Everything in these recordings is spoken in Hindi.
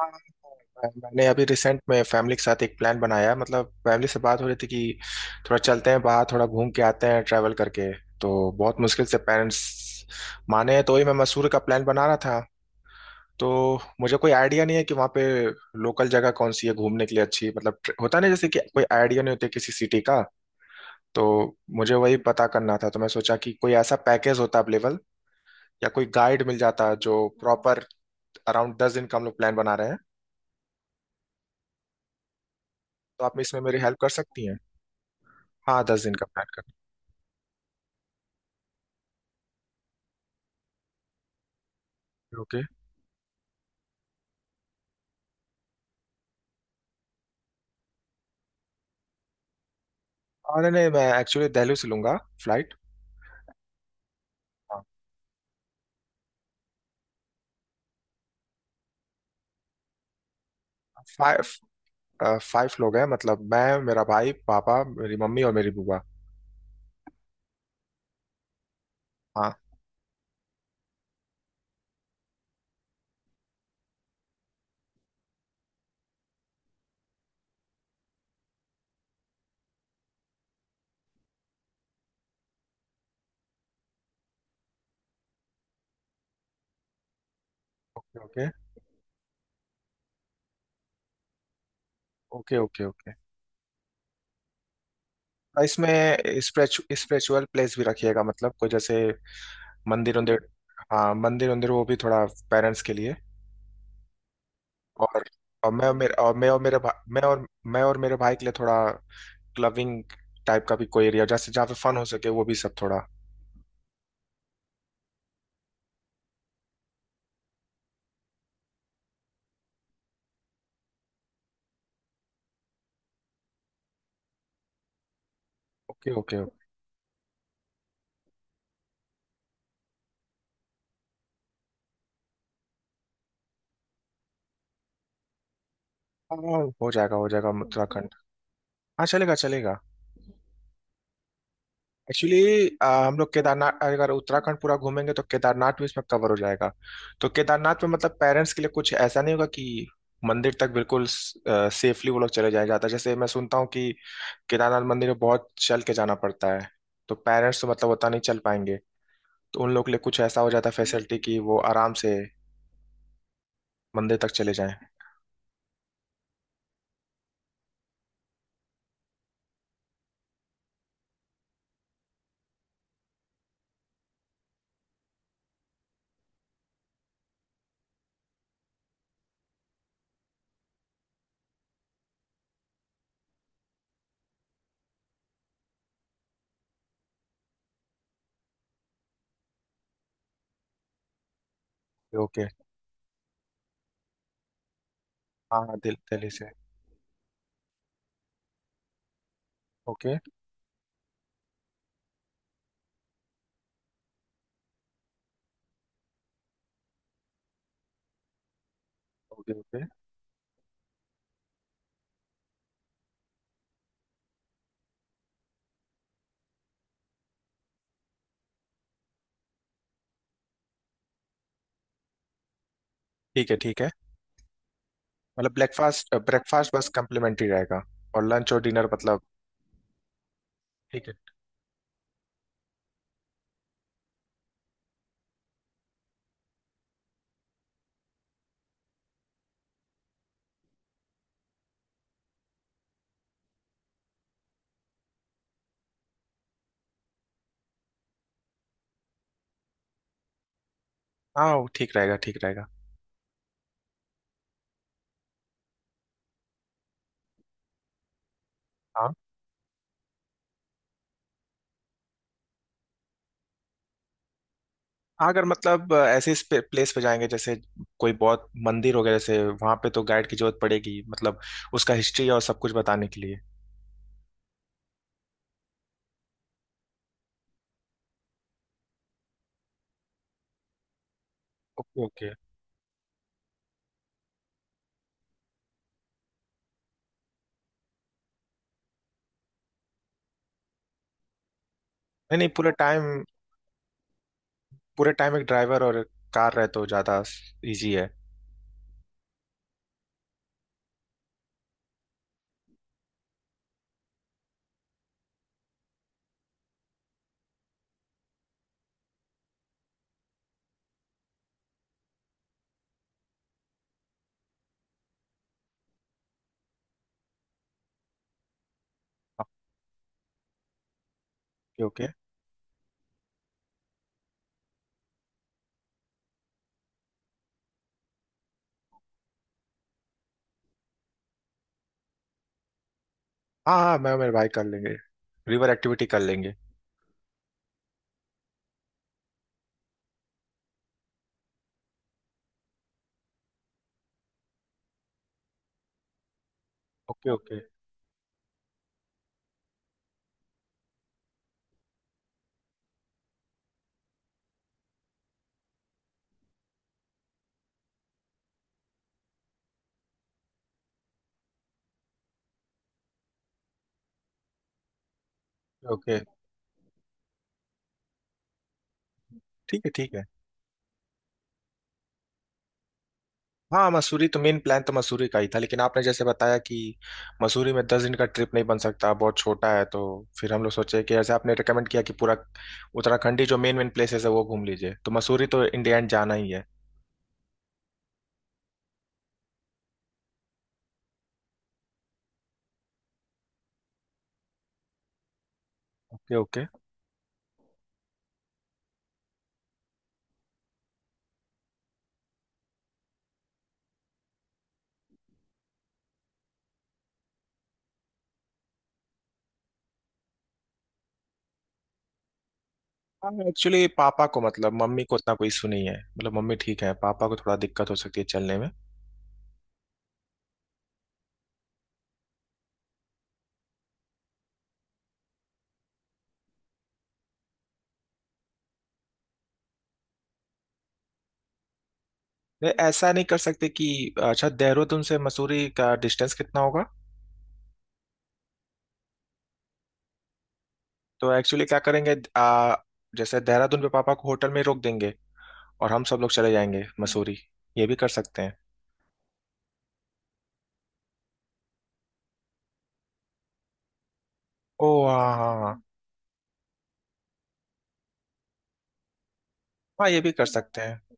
हाँ, मैंने अभी रिसेंट में फैमिली के साथ एक प्लान बनाया मतलब फैमिली से बात हो रही थी कि थोड़ा चलते हैं बाहर थोड़ा घूम के आते हैं ट्रैवल करके तो बहुत मुश्किल से पेरेंट्स माने हैं, तो वही मैं मसूरी का प्लान बना रहा था। तो मुझे कोई आइडिया नहीं है कि वहाँ पे लोकल जगह कौन सी है घूमने के लिए अच्छी मतलब होता नहीं जैसे कि कोई आइडिया नहीं होता किसी सिटी का। तो मुझे वही पता करना था तो मैं सोचा कि कोई ऐसा पैकेज होता अवेलेबल या कोई गाइड मिल जाता जो प्रॉपर अराउंड 10 दिन का हम लोग प्लान बना रहे हैं। तो आप इसमें मेरी हेल्प कर सकती हैं। हाँ 10 दिन का प्लान कर। ओके। अरे नहीं मैं एक्चुअली दिल्ली से लूंगा फ्लाइट। 5। 5 लोग हैं मतलब मैं मेरा भाई पापा मेरी मम्मी और मेरी बुआ। हाँ। Okay okay. Okay okay okay. और इसमें स्पिरिचुअल प्लेस भी रखिएगा मतलब कोई जैसे मंदिर उंदिर। हाँ मंदिर उंदिर वो भी थोड़ा पेरेंट्स के लिए। और और मैं और मेरे भाई के लिए थोड़ा क्लबिंग टाइप का भी कोई एरिया जैसे जहाँ पे फन हो सके वो भी सब थोड़ा। Okay okay okay. हाँ, हो जाएगा उत्तराखंड। हाँ चलेगा चलेगा। एक्चुअली हम लोग केदारनाथ अगर उत्तराखंड पूरा घूमेंगे तो केदारनाथ भी इसमें कवर हो जाएगा। तो केदारनाथ में मतलब पेरेंट्स के लिए कुछ ऐसा नहीं होगा कि मंदिर तक बिल्कुल सेफली वो लोग चले जाया जाता है जैसे मैं सुनता हूँ कि केदारनाथ मंदिर में बहुत चल के जाना पड़ता है। तो पेरेंट्स तो मतलब उतना नहीं चल पाएंगे। तो उन लोग के लिए कुछ ऐसा हो जाता है फैसिलिटी कि वो आराम से मंदिर तक चले जाएं। ओके। हाँ हाँ दिल्ली से। Okay okay okay. ठीक है ठीक है। मतलब ब्रेकफास्ट ब्रेकफास्ट बस कम्प्लीमेंट्री रहेगा और लंच और डिनर मतलब। हाँ वो ठीक रहेगा ठीक रहेगा। हाँ हाँ अगर मतलब ऐसे प्लेस पे जाएंगे जैसे कोई बहुत मंदिर हो गया जैसे वहां पे तो गाइड की जरूरत पड़ेगी मतलब उसका हिस्ट्री और सब कुछ बताने के लिए। Okay okay. नहीं नहीं पूरे टाइम पूरे टाइम एक ड्राइवर और कार रहे तो ज्यादा इजी है। Okay okay. हाँ हाँ मैं और मेरे भाई कर लेंगे रिवर एक्टिविटी कर लेंगे। Okay okay okay. ठीक है ठीक है। हाँ मसूरी तो मेन प्लान तो मसूरी का ही था लेकिन आपने जैसे बताया कि मसूरी में 10 दिन का ट्रिप नहीं बन सकता बहुत छोटा है तो फिर हम लोग सोचे कि जैसे आपने रिकमेंड किया कि पूरा उत्तराखंड ही जो मेन मेन प्लेसेस है वो घूम लीजिए तो मसूरी तो इंडिया एंड जाना ही है। Okay okay. हाँ एक्चुअली पापा को मतलब मम्मी को उतना कोई इशू नहीं है मतलब मम्मी ठीक है पापा को थोड़ा दिक्कत हो सकती है चलने में। नहीं, ऐसा नहीं कर सकते कि अच्छा देहरादून से मसूरी का डिस्टेंस कितना होगा। तो एक्चुअली क्या करेंगे जैसे देहरादून पे पापा को होटल में रोक देंगे और हम सब लोग चले जाएंगे मसूरी ये भी कर सकते हैं। ओ हाँ हाँ हाँ हाँ। हाँ, ये भी कर सकते हैं।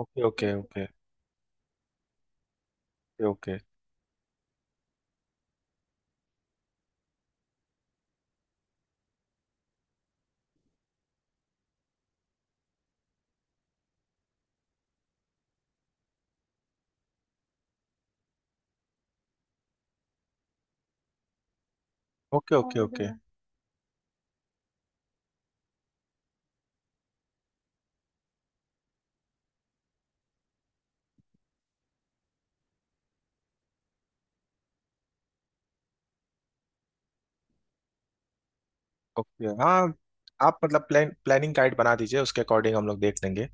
Okay okay okay okay okay okay okay okay. हाँ आप मतलब प्लानिंग गाइड बना दीजिए उसके अकॉर्डिंग हम लोग देख लेंगे।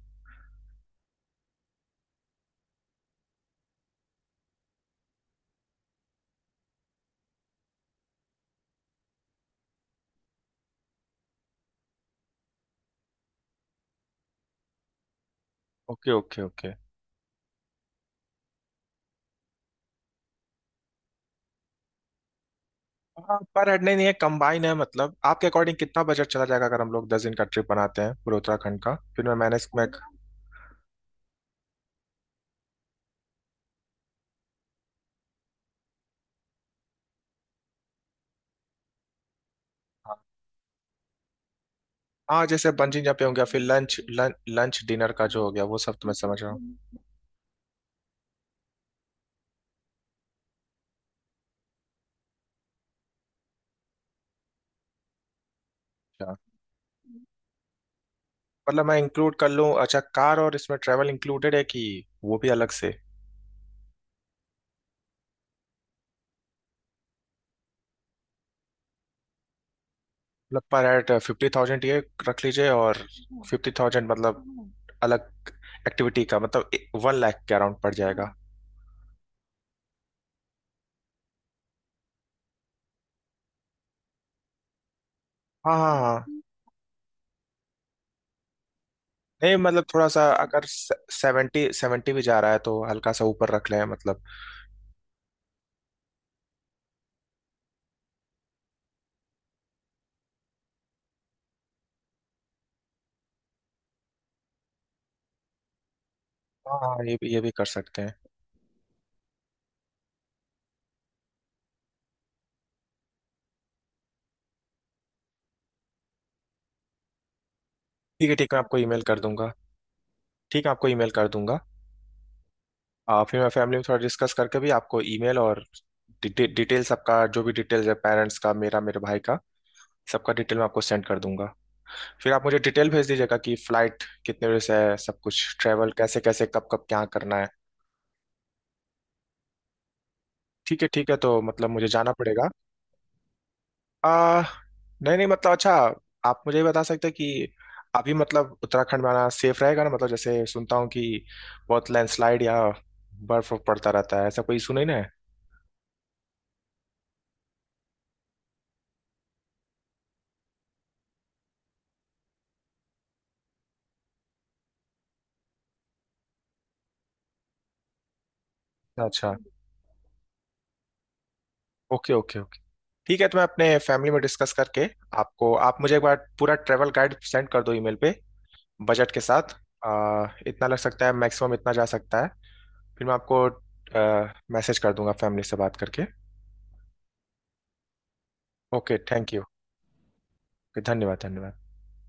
Okay okay okay. हाँ पर हेड नहीं नहीं, ये कंबाइन है मतलब आपके अकॉर्डिंग कितना बजट चला जाएगा अगर हम लोग 10 दिन का ट्रिप बनाते हैं पूरे उत्तराखंड का फिर मैं मैनेज मैं। हाँ जैसे बंजी जंपिंग हो गया फिर लंच लंच डिनर का जो हो गया वो सब तो मैं समझ रहा हूँ। मतलब मैं इंक्लूड कर लूँ अच्छा कार और इसमें ट्रैवल इंक्लूडेड है कि वो भी अलग से। मतलब पर एट 50,000 ये रख लीजिए और 50,000 मतलब अलग एक्टिविटी का मतलब 1 लाख के अराउंड पड़ जाएगा। हाँ हाँ हाँ। नहीं मतलब थोड़ा सा अगर 70 70 भी जा रहा है तो हल्का सा ऊपर रख लें मतलब। हाँ हाँ ये भी कर सकते हैं। ठीक है मैं आपको ईमेल कर दूंगा। ठीक है आपको ईमेल कर दूंगा। फिर मैं फैमिली में थोड़ा डिस्कस करके भी आपको ईमेल और डिटेल्स आपका जो भी डिटेल्स है पेरेंट्स का मेरा मेरे भाई का सबका डिटेल मैं आपको सेंड कर दूंगा। फिर आप मुझे डिटेल भेज दीजिएगा कि फ्लाइट कितने बजे से है सब कुछ ट्रैवल कैसे कैसे कब कब क्या करना है। ठीक है ठीक है तो मतलब मुझे जाना पड़ेगा। आ, नहीं नहीं मतलब अच्छा आप मुझे ये बता सकते हैं कि अभी मतलब उत्तराखंड में आना सेफ रहेगा ना मतलब जैसे सुनता हूँ कि बहुत लैंडस्लाइड या बर्फ वर्फ पड़ता रहता है ऐसा कोई इशू नहीं ना है। अच्छा। Okay okay okay. ठीक है तो मैं अपने फैमिली में डिस्कस करके आपको आप मुझे एक बार पूरा ट्रैवल गाइड सेंड कर दो ईमेल पे बजट के साथ इतना लग सकता है मैक्सिमम इतना जा सकता है फिर मैं आपको मैसेज कर दूंगा फैमिली से बात करके। Okay thank you. धन्यवाद धन्यवाद।